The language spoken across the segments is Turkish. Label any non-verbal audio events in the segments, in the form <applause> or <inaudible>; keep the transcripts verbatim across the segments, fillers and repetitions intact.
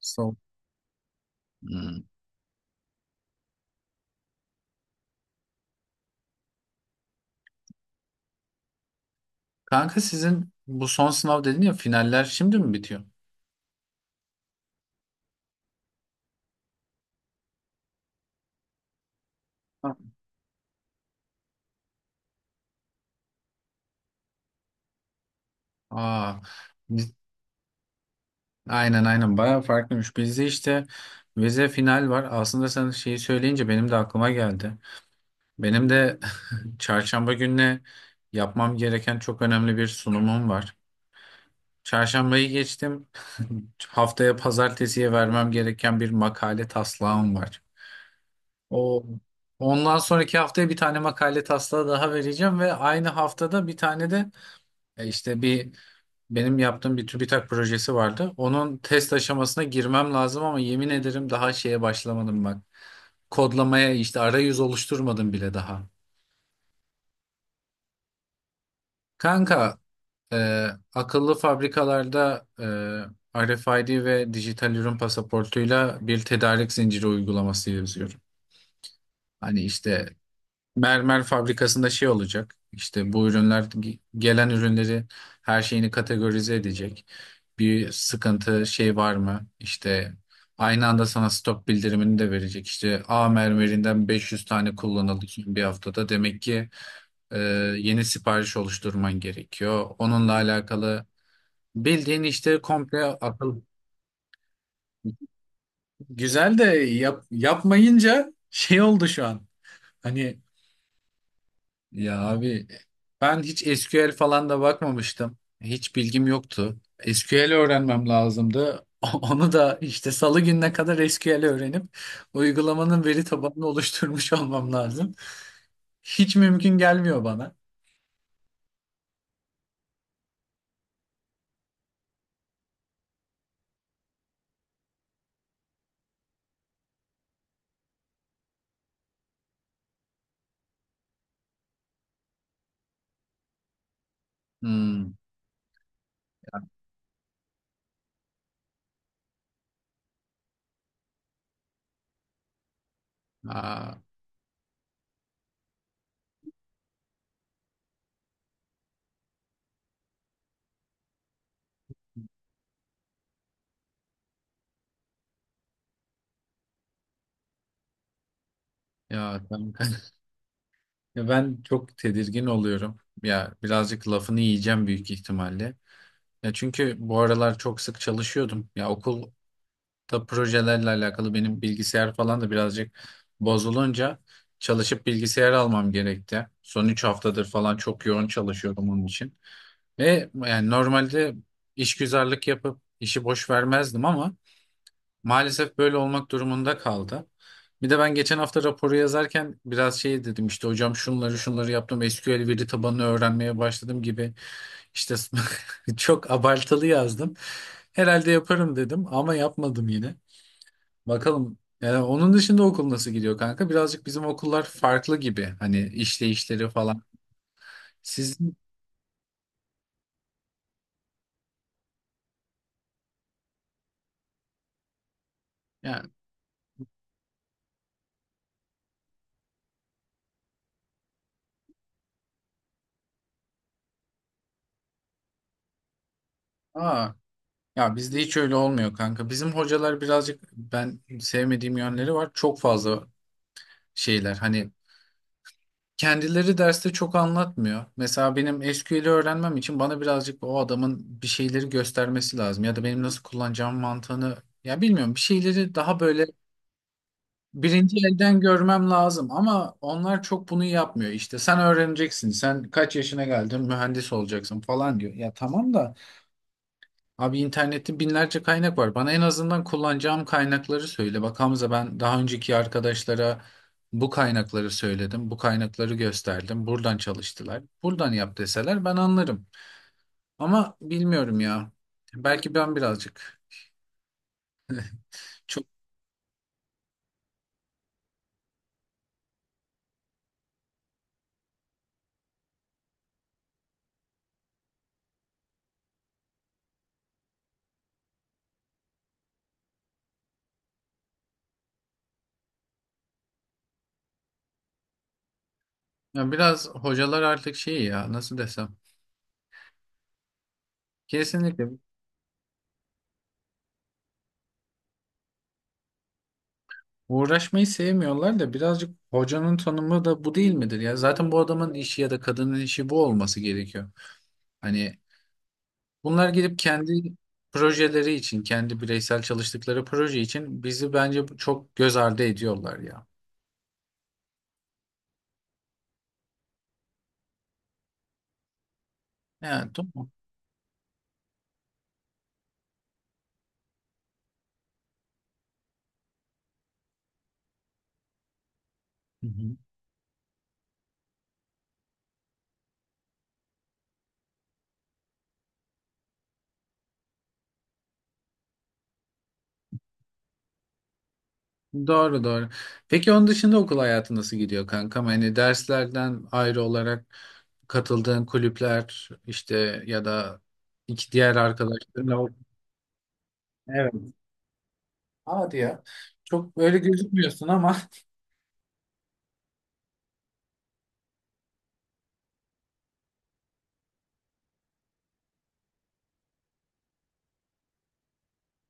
Son. Hmm. Kanka sizin bu son sınav dedin ya, finaller şimdi mi bitiyor? Ha, aa, biz- aynen aynen bayağı farklıymış. Bizde işte vize final var. Aslında sen şeyi söyleyince benim de aklıma geldi. Benim de <laughs> çarşamba gününe yapmam gereken çok önemli bir sunumum var. Çarşambayı geçtim. <laughs> Haftaya pazartesiye vermem gereken bir makale taslağım var. O ondan sonraki haftaya bir tane makale taslağı daha vereceğim ve aynı haftada bir tane de E İşte bir benim yaptığım bir TÜBİTAK projesi vardı. Onun test aşamasına girmem lazım ama yemin ederim daha şeye başlamadım bak. Kodlamaya işte arayüz oluşturmadım bile daha. Kanka e, akıllı fabrikalarda e, R F I D ve dijital ürün pasaportuyla bir tedarik zinciri uygulaması yazıyorum. Hani işte mermer fabrikasında şey olacak. İşte bu ürünler ge- gelen ürünleri, her şeyini kategorize edecek. Bir sıkıntı şey var mı? İşte aynı anda sana stok bildirimini de verecek. İşte A mermerinden beş yüz tane kullanıldı son bir haftada. Demek ki e, yeni sipariş oluşturman gerekiyor. Onunla alakalı bildiğin işte komple akıl. Güzel de yap, yapmayınca şey oldu şu an. Hani, ya abi, ben hiç S Q L falan da bakmamıştım. Hiç bilgim yoktu. S Q L öğrenmem lazımdı. <laughs> Onu da işte salı gününe kadar S Q L öğrenip uygulamanın veri tabanını oluşturmuş <laughs> olmam lazım. Hiç mümkün gelmiyor bana. Hmm. Aa, ya kanka. <laughs> Ya ben çok tedirgin oluyorum. Ya birazcık lafını yiyeceğim büyük ihtimalle. Ya çünkü bu aralar çok sık çalışıyordum. Ya okul da projelerle alakalı benim bilgisayar falan da birazcık bozulunca çalışıp bilgisayar almam gerekti. Son üç haftadır falan çok yoğun çalışıyordum onun için. Ve yani normalde işgüzarlık yapıp işi boş vermezdim ama maalesef böyle olmak durumunda kaldı. Bir de ben geçen hafta raporu yazarken biraz şey dedim, işte hocam şunları şunları yaptım, S Q L veri tabanını öğrenmeye başladım gibi işte, <laughs> çok abartılı yazdım. Herhalde yaparım dedim ama yapmadım yine. Bakalım. Yani onun dışında okul nasıl gidiyor kanka? Birazcık bizim okullar farklı gibi. Hani işleyişleri falan. Sizin yani aa, ya bizde hiç öyle olmuyor kanka. Bizim hocalar birazcık ben sevmediğim yönleri var. Çok fazla şeyler. Hani kendileri derste çok anlatmıyor. Mesela benim S Q L'i öğrenmem için bana birazcık o adamın bir şeyleri göstermesi lazım ya da benim nasıl kullanacağım mantığını, ya bilmiyorum. Bir şeyleri daha böyle birinci elden görmem lazım ama onlar çok bunu yapmıyor. İşte sen öğreneceksin, sen kaç yaşına geldin mühendis olacaksın falan diyor. Ya tamam da abi internette binlerce kaynak var. Bana en azından kullanacağım kaynakları söyle. Bak Hamza, ben daha önceki arkadaşlara bu kaynakları söyledim, bu kaynakları gösterdim. Buradan çalıştılar, buradan yap deseler ben anlarım. Ama bilmiyorum ya. Belki ben birazcık çok, ya biraz hocalar artık şey, ya nasıl desem. Kesinlikle. Uğraşmayı sevmiyorlar da birazcık hocanın tanımı da bu değil midir ya? Zaten bu adamın işi ya da kadının işi bu olması gerekiyor. Hani bunlar gidip kendi projeleri için, kendi bireysel çalıştıkları proje için bizi bence çok göz ardı ediyorlar ya. Evet, tamam. Hı hı. Doğru doğru. Peki onun dışında okul hayatı nasıl gidiyor kankam? Hani derslerden ayrı olarak katıldığın kulüpler işte ya da iki diğer arkadaşlarınla. Hadi ya. Çok böyle gözükmüyorsun ama.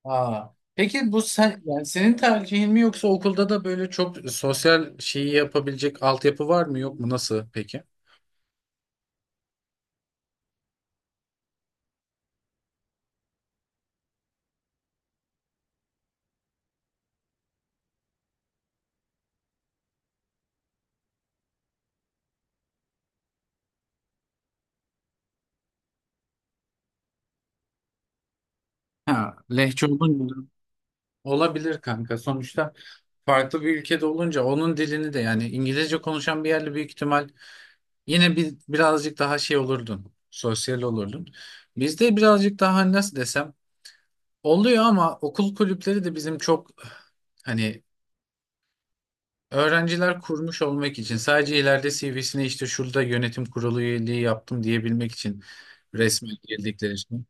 Aa. Peki bu sen yani senin tercihin mi yoksa okulda da böyle çok sosyal şeyi yapabilecek altyapı var mı yok mu nasıl peki? Ha, lehçe olunca olabilir kanka. Sonuçta farklı bir ülkede olunca onun dilini de yani İngilizce konuşan bir yerle büyük ihtimal yine bir birazcık daha şey olurdun. Sosyal olurdun. Bizde birazcık daha nasıl desem oluyor ama okul kulüpleri de bizim çok, hani öğrenciler kurmuş olmak için sadece, ileride C V'sine işte şurada yönetim kurulu üyeliği yaptım diyebilmek için resmen girdikleri için.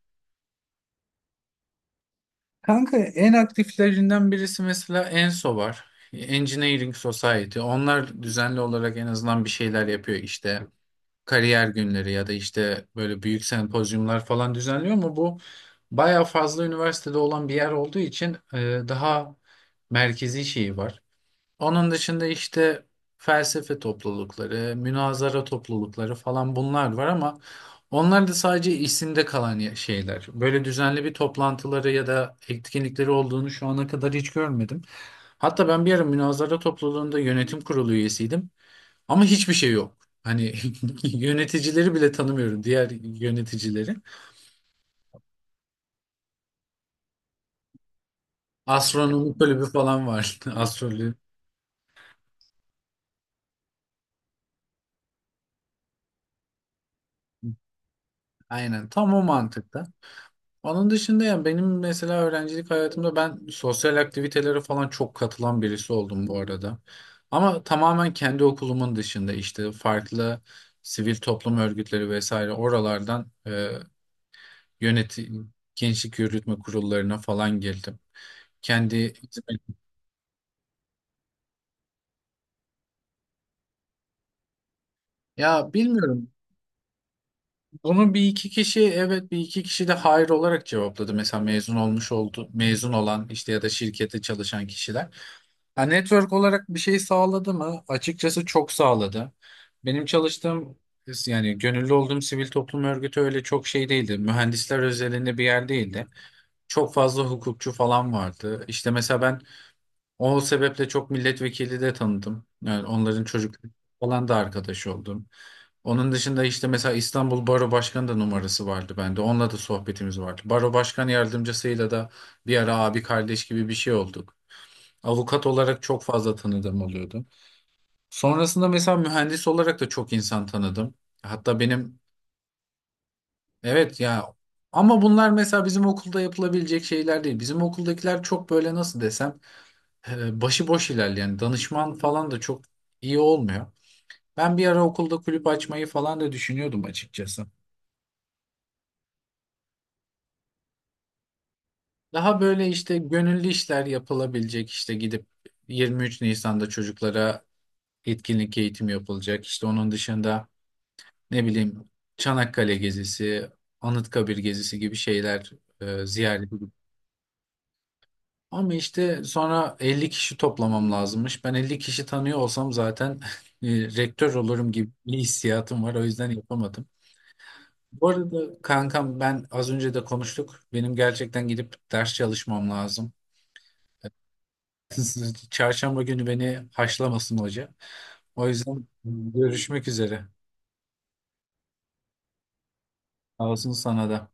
Kanka en aktiflerinden birisi mesela ENSO var. Engineering Society. Onlar düzenli olarak en azından bir şeyler yapıyor işte. Kariyer günleri ya da işte böyle büyük sempozyumlar falan düzenliyor ama bu bayağı fazla üniversitede olan bir yer olduğu için e, daha merkezi şeyi var. Onun dışında işte felsefe toplulukları, münazara toplulukları falan bunlar var ama onlar da sadece isimde kalan ya- şeyler. Böyle düzenli bir toplantıları ya da etkinlikleri olduğunu şu ana kadar hiç görmedim. Hatta ben bir ara münazara topluluğunda yönetim kurulu üyesiydim ama hiçbir şey yok. Hani <laughs> yöneticileri bile tanımıyorum, diğer yöneticileri. Astronomi kulübü falan var. <laughs> Astroloji. Aynen tam o mantıkta. Onun dışında yani benim mesela öğrencilik hayatımda ben sosyal aktivitelere falan çok katılan birisi oldum bu arada. Ama tamamen kendi okulumun dışında işte farklı sivil toplum örgütleri vesaire oralardan e, yönetim, gençlik yürütme kurullarına falan girdim. Kendi <laughs> ya bilmiyorum. Bunu bir iki kişi evet, bir iki kişi de hayır olarak cevapladı. Mesela mezun olmuş oldu, mezun olan işte ya da şirkette çalışan kişiler. Ha, network olarak bir şey sağladı mı? Açıkçası çok sağladı. Benim çalıştığım yani gönüllü olduğum sivil toplum örgütü öyle çok şey değildi. Mühendisler özelinde bir yer değildi. Çok fazla hukukçu falan vardı. İşte mesela ben o sebeple çok milletvekili de tanıdım. Yani onların çocuk falan da arkadaş oldum. Onun dışında işte mesela İstanbul Baro Başkanı da numarası vardı bende. Onunla da sohbetimiz vardı. Baro Başkan yardımcısıyla da bir ara abi kardeş gibi bir şey olduk. Avukat olarak çok fazla tanıdığım oluyordu. Sonrasında mesela mühendis olarak da çok insan tanıdım. Hatta benim evet ya, ama bunlar mesela bizim okulda yapılabilecek şeyler değil. Bizim okuldakiler çok böyle nasıl desem e, başıboş ilerleyen danışman falan da çok iyi olmuyor. Ben bir ara okulda kulüp açmayı falan da düşünüyordum açıkçası. Daha böyle işte gönüllü işler yapılabilecek, işte gidip yirmi üç Nisan'da çocuklara etkinlik eğitimi yapılacak. İşte onun dışında ne bileyim Çanakkale gezisi, Anıtkabir gezisi gibi şeyler e, ziyaret edip. Ama işte sonra elli kişi toplamam lazımmış. Ben elli kişi tanıyor olsam zaten <laughs> e, rektör olurum gibi bir hissiyatım var. O yüzden yapamadım. Bu arada kankam ben az önce de konuştuk. Benim gerçekten gidip ders çalışmam lazım. <laughs> Çarşamba günü beni haşlamasın hoca. O yüzden e, görüşmek üzere. Sağ olsun sana da.